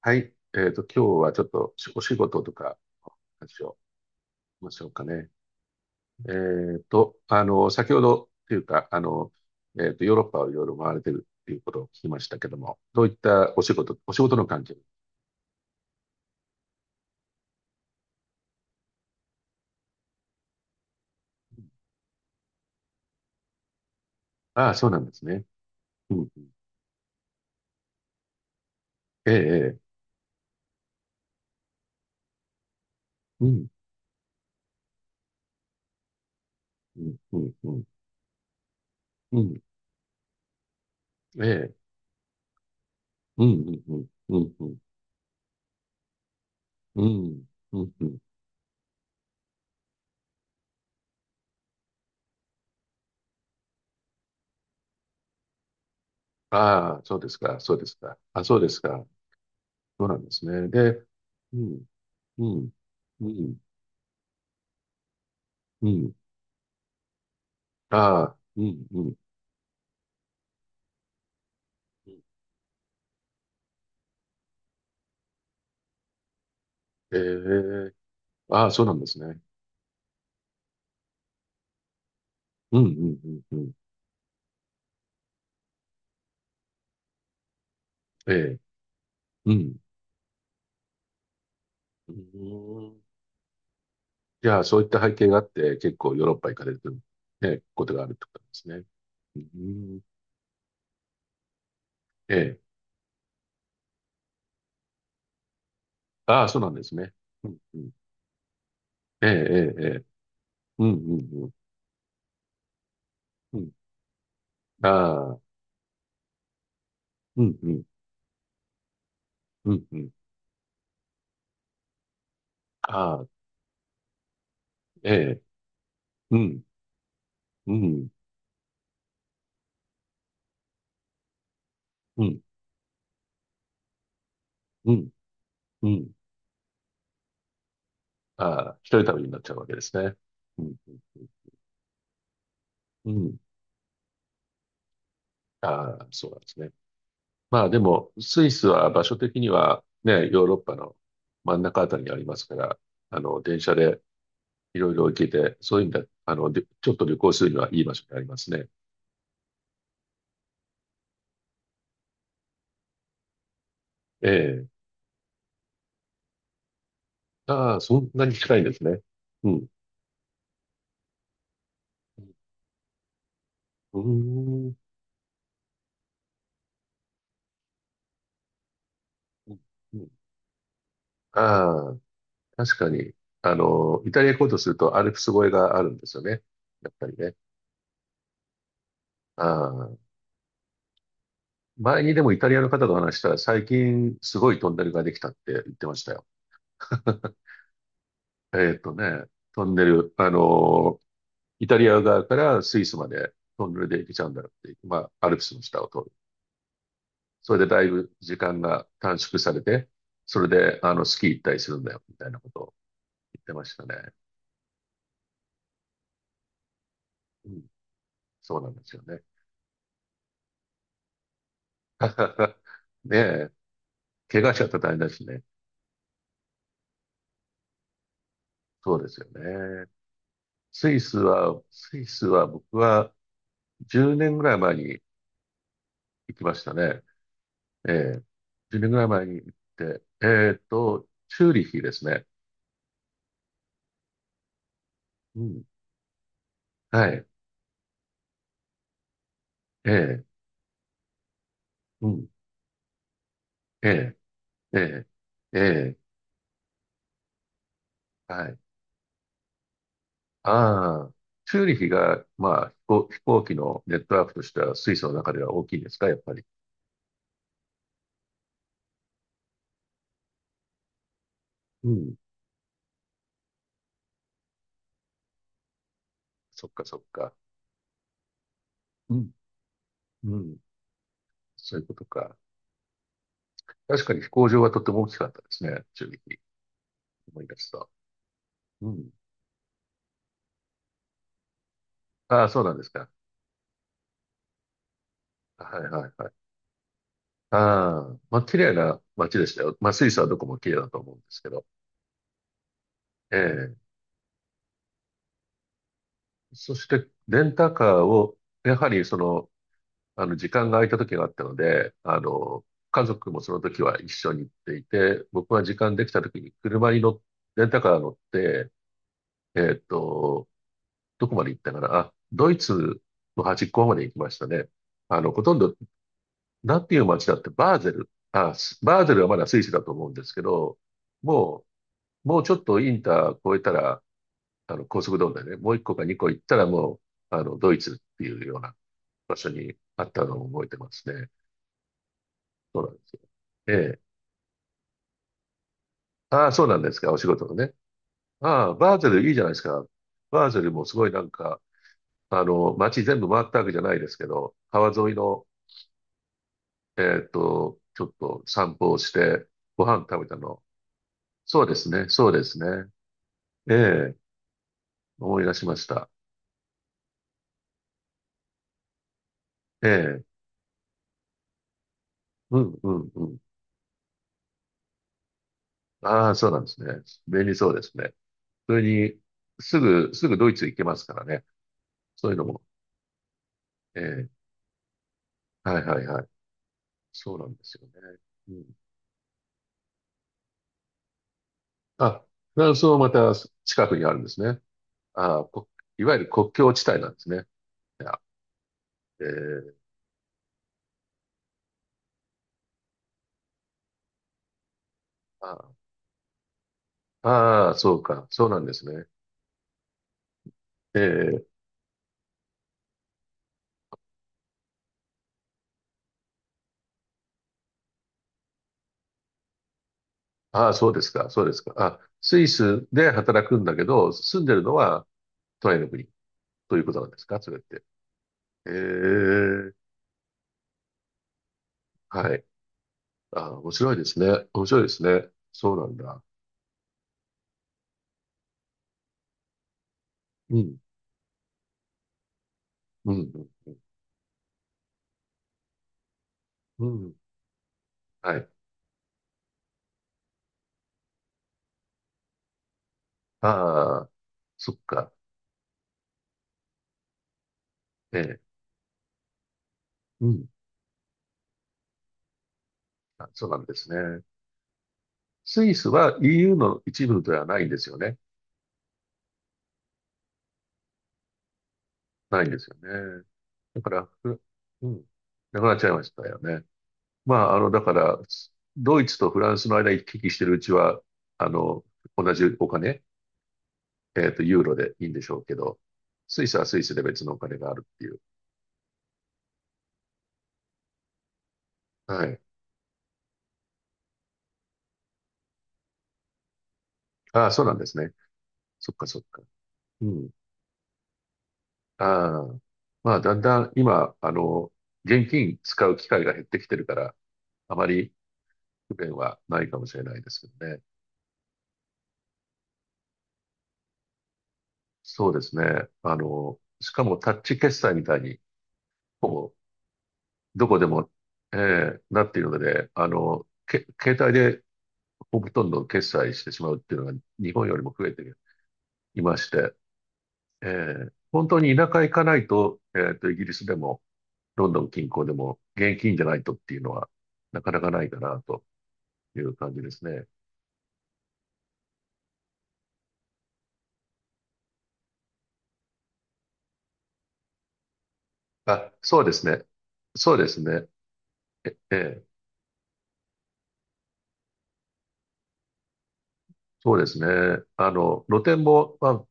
はい。今日はちょっとお仕事とかの話をしましょうかね。先ほどというか、ヨーロッパをいろいろ回れてるっていうことを聞きましたけども、どういったお仕事の関係。ああ、そうなんですね。うん、うんええ、ええ、うん、うん、うん、うん、うんええ、うん、うん、うん、うん、うん、うん、うん。ああ、そうですか、そうですか。あ、そうですか。そうなんですね。で、うん、うん、うん、うん。ああ、うん、うん。うんええ、ああ、そうなんですね。うん、うん、うん、うん。ええ、うん。うーん。じゃあ、そういった背景があって、結構ヨーロッパ行かれてる、ね、ことがあるってことなんですね。うーん、ええ、ああ、そうなんですね。うん、うん。ええ、ええ、ええ、うん、うん、うん。うん、ああ、うん、うん、うん、うん。ああ、ええ、うん、うん、うん、うん、うん。ああ、一人旅になっちゃうわけですね。うん、うん、うん。うんああ、そうなんですね。まあでも、スイスは場所的にはね、ヨーロッパの真ん中あたりにありますから、電車でいろいろ行けて、そういう意味で、でちょっと旅行するにはいい場所にありますね。ええ。ああ、そんなに近いんですね。うん。うーん。うんああ、確かに、イタリア行こうとするとアルプス越えがあるんですよね。やっぱりね。ああ、前にでもイタリアの方と話したら最近すごいトンネルができたって言ってましたよ。えーっとね、トンネル、イタリア側からスイスまでトンネルで行けちゃうんだっていう、まあ、アルプスの下を通る。それでだいぶ時間が短縮されて、それで、スキー行ったりするんだよ、みたいなことを言ってましたね。うん、そうなんですよね。ねえ、怪我しちゃったら大変だしね。そうですよね。スイスは僕は10年ぐらい前に行きましたね。ええ、10年ぐらい前に行って、チューリヒですね。うん。はい。ええ。うん。ええ。ええ。ええ。はい。ああ。チューリヒが、まあ、飛行機のネットワークとしては、スイスの中では大きいですか、やっぱり。うん。そっか、そっか。うん。うん。そういうことか。確かに飛行場はとても大きかったですね、チューリヒ。思い出すと。うん。ああ、そうなんですか。はい、はい、はい。ああ。まあ、綺麗な街でしたよ。まあ、スイスはどこも綺麗だと思うんですけど。ええ。そして、レンタカーを、やはり時間が空いた時があったので、家族もその時は一緒に行っていて、僕は時間できた時に車に乗っ、レンタカー乗って、えーっと、どこまで行ったかなあ、ドイツの端っこまで行きましたね。ほとんど、なんていう街だって、バーゼル。あ、スバーゼルはまだスイスだと思うんですけど、ももうちょっとインター越えたら、高速道路だよね。もう一個か二個行ったらもう、ドイツっていうような場所にあったのを覚えてますね。そうなんですよ。ええああ、そうなんですか、お仕事のね。ああ、バーゼルいいじゃないですか。バーゼルもすごいなんか、街全部回ったわけじゃないですけど、川沿いの、ちょっと散歩をして、ご飯食べたの。そうですね、そうですね。ええ、思い出しました。ええ、うん、うん、うん。ああ、そうなんですね。便利そうですね。それに、すぐドイツ行けますからね。そういうのも。ええ、はいはいはい。そうなんですよね。うん、あ、フランスもまた近くにあるんですね。ああ、いわゆる国境地帯なんですね。いやえー、ああ、ああそうか、そうなんですね。ええ、ああ、そうですか、そうですか。あ、スイスで働くんだけど、住んでるのはトライの国ということなんですか、それって。ええ、はい。ああ、面白いですね。面白いですね。そうなんだ。うん、うん、うん、うん。はい。ああ、そっか。ええ、うん。あ、そうなんですね。スイスは EU の一部ではないんですよね。ないんですよね。だから、ふうん、なくなっちゃいましたよね。まあ、だから、ドイツとフランスの間行き来してるうちは、あの、同じお金、ユーロでいいんでしょうけど、スイスはスイスで別のお金があるっていう。はい。ああ、そうなんですね。そっかそっか。うん。ああ。まあ、だんだん今、現金使う機会が減ってきてるから、あまり不便はないかもしれないですけどね。そうですね。しかもタッチ決済みたいに、ほぼどこでも、ええなっているので、携帯でほとんど決済してしまうっていうのが日本よりも増えていまして、ええ本当に田舎行かないと、イギリスでも、ロンドン近郊でも、現金じゃないとっていうのは、なかなかないかなという感じですね。あ、そうですね。そうですね。え、ええそうですね。露店も、ま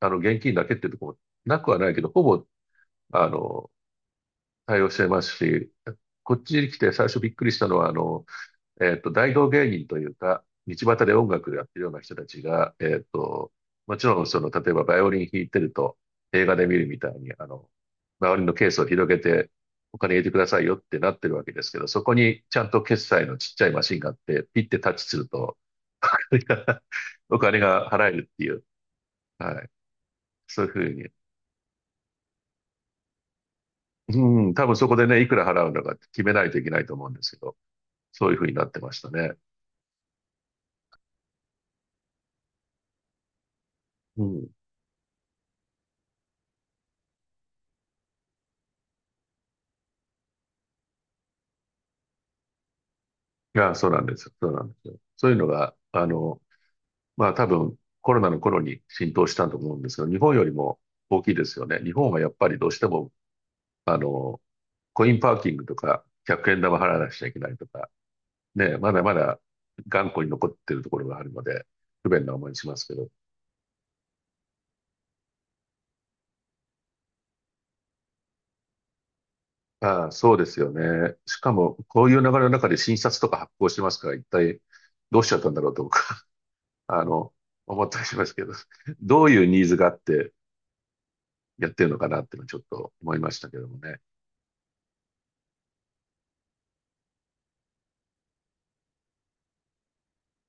あ、現金だけっていうところもなくはないけど、ほぼ、あの、対応してますし、こっちに来て最初びっくりしたのは、大道芸人というか、道端で音楽やってるような人たちが、もちろん、例えばバイオリン弾いてると、映画で見るみたいに、バイオリンのケースを広げて、お金入れてくださいよってなってるわけですけど、そこにちゃんと決済のちっちゃいマシンがあって、ピッてタッチすると、お金が払えるっていう、はい。そういうふうに。うん、多分そこでね、いくら払うのかって決めないといけないと思うんですけど、そういうふうになってましたね。うん。いや、そうなんですよ。そうなんですよ。そういうのが、まあ多分コロナの頃に浸透したと思うんですが、日本よりも大きいですよね。日本はやっぱりどうしても、あの、コインパーキングとか、100円玉払わなくちゃいけないとか、ね、まだまだ頑固に残ってるところがあるので、不便な思いしますけど。ああ、そうですよね。しかも、こういう流れの中で新札とか発行してますから、一体どうしちゃったんだろうと僕、あの、思ったりしますけど、どういうニーズがあって、やってるのかなっていうのはちょっと思いましたけどもね。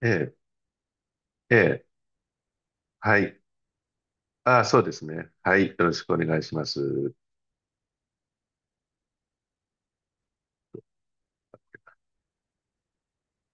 ええ、ええ、はい。ああ、そうですね。はい。よろしくお願いします。